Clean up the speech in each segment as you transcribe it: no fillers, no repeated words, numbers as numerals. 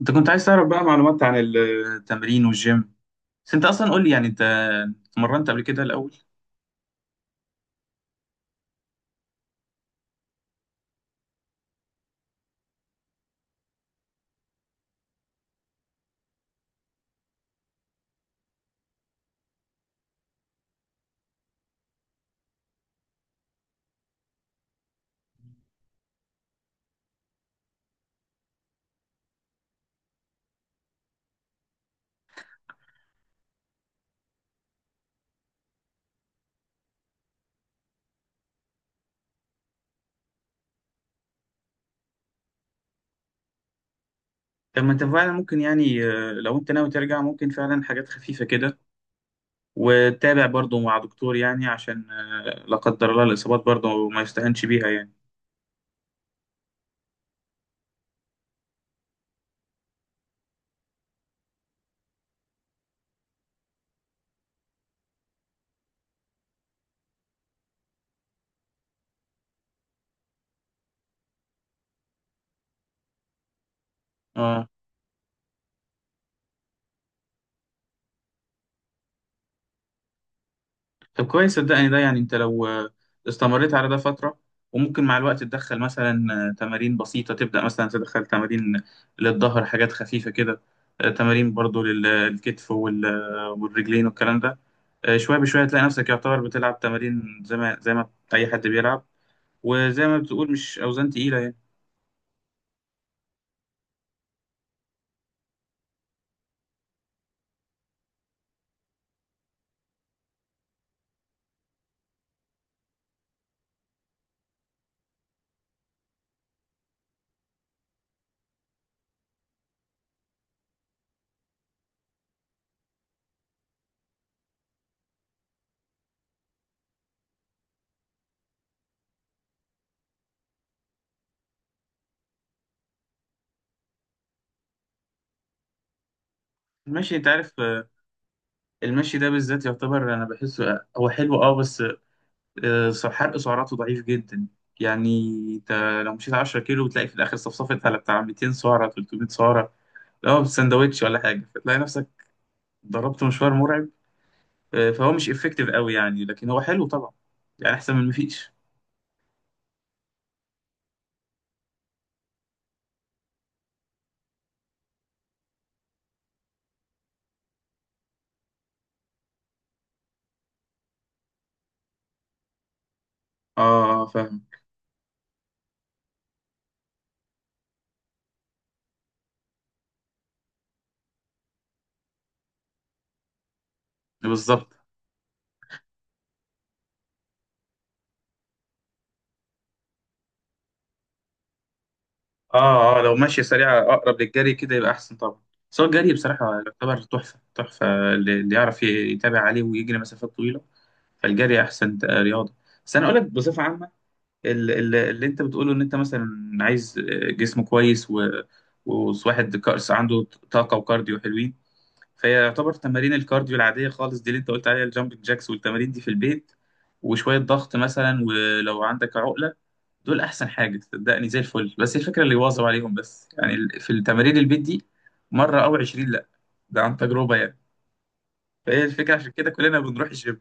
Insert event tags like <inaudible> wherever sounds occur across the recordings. انت كنت عايز تعرف بقى معلومات عن التمرين والجيم. بس انت اصلا قول لي، يعني انت اتمرنت قبل كده الاول؟ طب ما انت فعلا ممكن، يعني لو انت ناوي ترجع ممكن فعلا حاجات خفيفه كده، وتتابع برضو مع دكتور، يعني عشان لا قدر الله الاصابات برضو ما يستهنش بيها يعني. اه. طب كويس. صدقني ده، يعني انت لو استمريت على ده فتره وممكن مع الوقت تدخل مثلا تمارين بسيطه، تبدا مثلا تدخل تمارين للظهر، حاجات خفيفه كده. تمارين برضو للكتف والرجلين والكلام ده. شوية بشوية تلاقي نفسك يعتبر بتلعب تمارين زي ما أي حد بيلعب. وزي ما بتقول، مش أوزان تقيلة يعني. المشي، أنت عارف، المشي ده بالذات يعتبر أنا بحسه، هو حلو، بس حرق سعراته ضعيف جدا يعني. أنت لو مشيت 10 كيلو بتلاقي في الآخر صفصفت على بتاع 200 سعرة 300 سعرة، لا سندوتش ولا حاجة، فتلاقي نفسك ضربت مشوار مرعب. فهو مش إفكتيف قوي يعني، لكن هو حلو طبعا، يعني أحسن من مفيش. أه، فاهم. بالظبط. اه، اه، لو ماشية سريعة اقرب للجري كده يبقى احسن طبعا. بس هو الجري بصراحة يعتبر تحفة تحفة. اللي يعرف يتابع عليه ويجري مسافات طويلة، فالجري احسن رياضة. بس انا اقول لك بصفة عامة، اللي انت بتقوله ان انت مثلا عايز جسم كويس، وواحد كأس عنده، طاقة وكارديو حلوين. فهي يعتبر تمارين الكارديو العادية خالص دي اللي انت قلت عليها، الجامبنج جاكس والتمارين دي في البيت، وشوية ضغط مثلا، ولو عندك عقلة، دول احسن حاجه صدقني، زي الفل. بس الفكره اللي يواظب عليهم، بس يعني في التمارين البيت دي، مره او 20، لا، ده عن تجربه يعني. فهي الفكره عشان كده كلنا بنروح الجيم.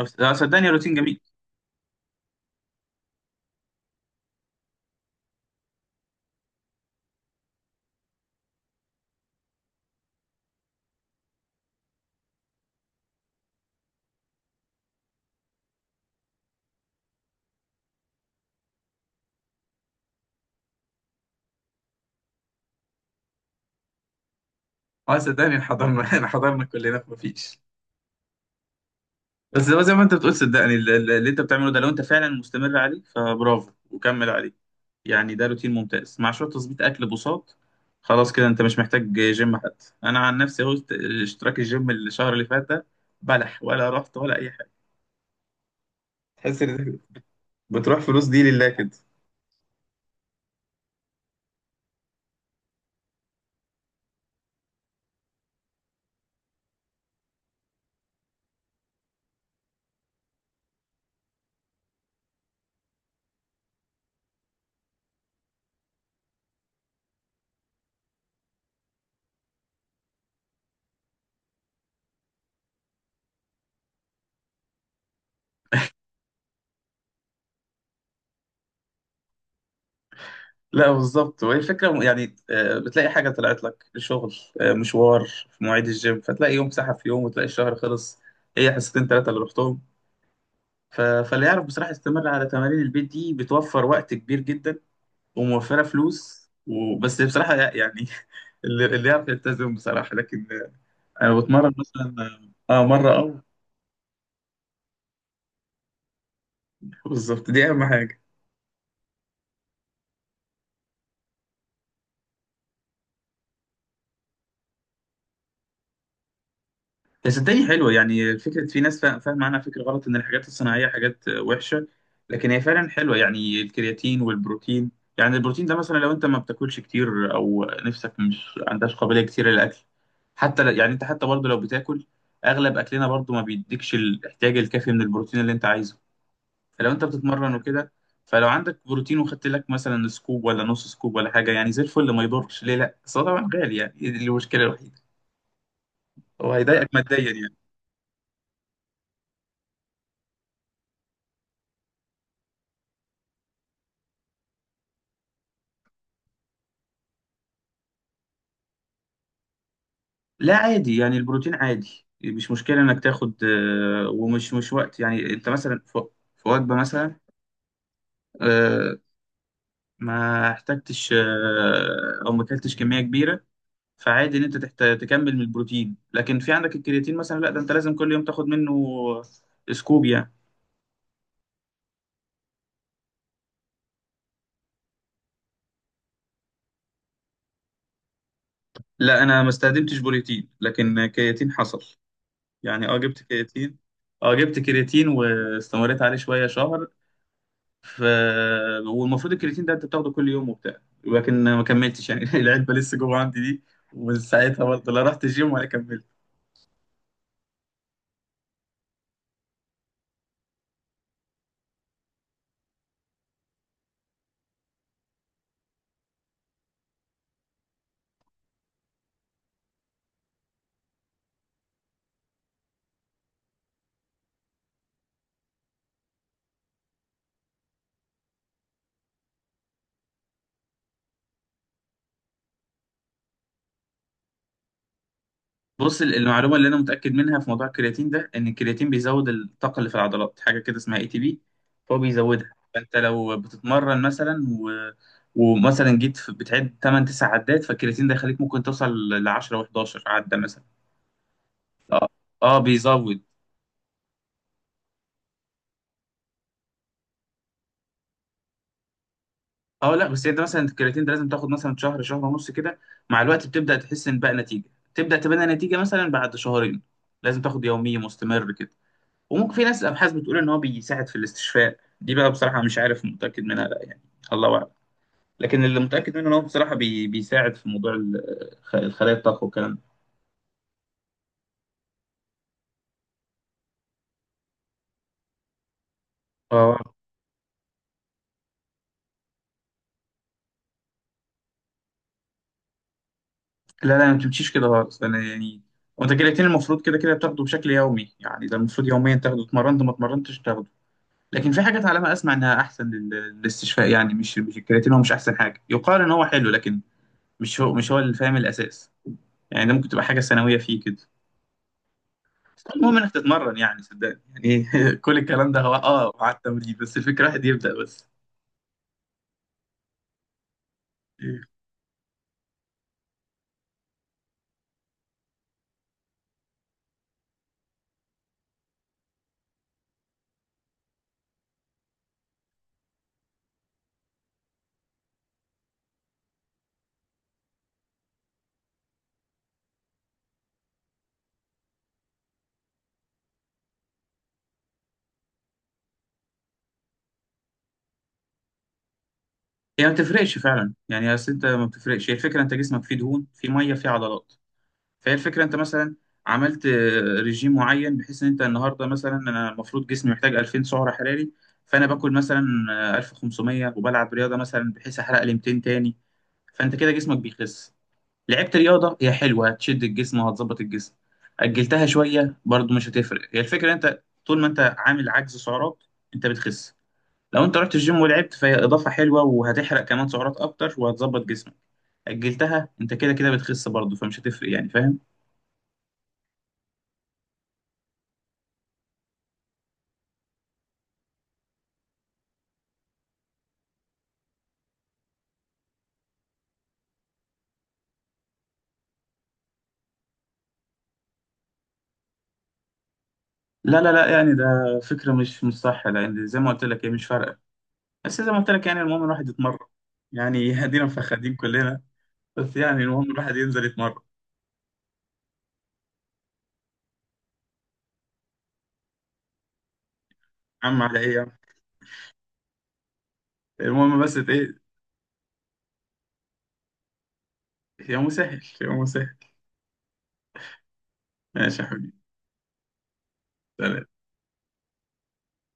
صدقني روتين جميل. اه صدقني حضرنا <laughs> احنا حضرنا كلنا، مفيش. بس هو زي ما انت بتقول، صدقني اللي انت بتعمله ده، لو انت فعلا مستمر عليه فبرافو وكمل عليه. يعني ده روتين ممتاز، مع شويه تظبيط اكل بساط. خلاص كده انت مش محتاج جيم. حتى انا عن نفسي اهو، اشتراك الجيم الشهر اللي فات ده، بلح، ولا رحت ولا اي حاجه. تحس ان بتروح فلوس دي لله كده. لا بالظبط، وهي الفكرة، يعني بتلاقي حاجة طلعت لك شغل، مشوار في مواعيد الجيم، فتلاقي يوم سحب في يوم وتلاقي الشهر خلص. هي حصتين ثلاثة اللي رحتهم. فاللي يعرف بصراحة يستمر على تمارين البيت دي، بتوفر وقت كبير جدا وموفرة فلوس وبس بصراحة يعني <laughs> اللي يعرف يلتزم بصراحة. لكن أنا بتمرن مثلا مرة أو <laughs> بالظبط، دي أهم حاجة. بس صدقني حلوة. يعني فكرة في ناس فاهمة عنها فكرة غلط، إن الحاجات الصناعية حاجات وحشة. لكن هي فعلا حلوة يعني، الكرياتين والبروتين. يعني البروتين ده مثلا، لو أنت ما بتاكلش كتير أو نفسك مش عندهاش قابلية كتير للأكل، حتى يعني أنت حتى برضه لو بتاكل، أغلب أكلنا برضه ما بيديكش الاحتياج الكافي من البروتين اللي أنت عايزه. فلو أنت بتتمرن وكده، فلو عندك بروتين وخدت لك مثلا سكوب ولا نص سكوب ولا حاجة، يعني زي الفل ما يضرش ليه. لأ بس هو طبعا غالي يعني، دي المشكلة الوحيدة. هو هيضايقك ماديا يعني. لا عادي، يعني البروتين عادي مش مشكلة إنك تاخد، ومش مش وقت يعني، أنت مثلا في وجبة مثلا، آه، ما احتجتش أو ما اكلتش كمية كبيرة. فعادي إن أنت تحت تكمل من البروتين. لكن في عندك الكرياتين مثلا، لا ده أنت لازم كل يوم تاخد منه سكوب يعني. لا أنا ما استخدمتش بروتين، لكن كرياتين حصل. يعني أه جبت كرياتين أه جبت كرياتين واستمريت عليه شوية شهر. ف والمفروض الكرياتين ده انت بتاخده كل يوم وبتاع، لكن ما كملتش يعني <laughs> العلبه لسه جوه عندي دي. ومن ساعتها برضه، لا رحت الجيم ولا كملت. بص، المعلومه اللي انا متاكد منها في موضوع الكرياتين ده، ان الكرياتين بيزود الطاقه اللي في العضلات، حاجه كده اسمها ATP. فهو بيزودها. فانت لو بتتمرن مثلا ومثلا جيت في بتعد 8 9 عدات، فالكرياتين ده يخليك ممكن توصل ل 10 و11 عده مثلا. اه اه، بيزود. اه لا بس انت مثلا الكرياتين ده، لازم تاخد مثلا شهر شهر ونص كده. مع الوقت بتبدا تحس ان بقى نتيجه، تبدا تبان نتيجه مثلا بعد شهرين. لازم تاخد يومي مستمر كده. وممكن، في ناس الابحاث بتقول ان هو بيساعد في الاستشفاء، دي بقى بصراحه مش عارف متاكد منها لا يعني، الله اعلم. لكن اللي متاكد منه ان هو بصراحه بيساعد في موضوع الخلايا الطاقه والكلام ده. اه، لا لا ما تمشيش كده خالص، انا يعني وانت الكرياتين المفروض كده كده بتاخده بشكل يومي يعني، ده المفروض يوميا تاخده، اتمرنت ما اتمرنتش تاخده. لكن في حاجات على ما اسمع انها احسن للاستشفاء يعني. مش الكرياتين هو مش احسن حاجه، يقال ان هو حلو لكن مش هو اللي فاهم الاساس يعني، ده ممكن تبقى حاجه ثانويه فيه كده. المهم انك تتمرن يعني، صدقني يعني <laughs> كل الكلام ده هو على التمرين بس، الفكره واحد يبدا بس. إيه. هي ما بتفرقش فعلا يعني، اصل انت ما بتفرقش، هي الفكره انت جسمك فيه دهون فيه ميه فيه عضلات. فهي الفكرة، انت مثلا عملت رجيم معين، بحيث ان انت النهاردة مثلا، انا المفروض جسمي محتاج 2000 سعرة حراري، فانا باكل مثلا 1500، وبلعب رياضة مثلا بحيث احرق لي 200 تاني. فانت كده جسمك بيخس. لعبت رياضة، هي حلوة هتشد الجسم وهتظبط الجسم. أجلتها شوية برضو مش هتفرق، هي الفكرة انت طول ما انت عامل عجز سعرات انت بتخس. لو انت رحت الجيم ولعبت، فهي إضافة حلوة وهتحرق كمان سعرات أكتر وهتظبط جسمك. أجلتها، انت كده كده بتخس برضو فمش هتفرق يعني، فاهم؟ لا لا لا، يعني ده فكرة مش صح، لأن زي ما قلت لك هي مش فارقة. بس زي ما قلت لك، يعني المهم الواحد يتمرن يعني <laughs> هدينا مفخدين كلنا. بس يعني المهم الواحد ينزل يتمرن. عم على إيه يا عم. المهم بس إيه، يومه سهل يومه سهل. ماشي يا حبيبي. سلام.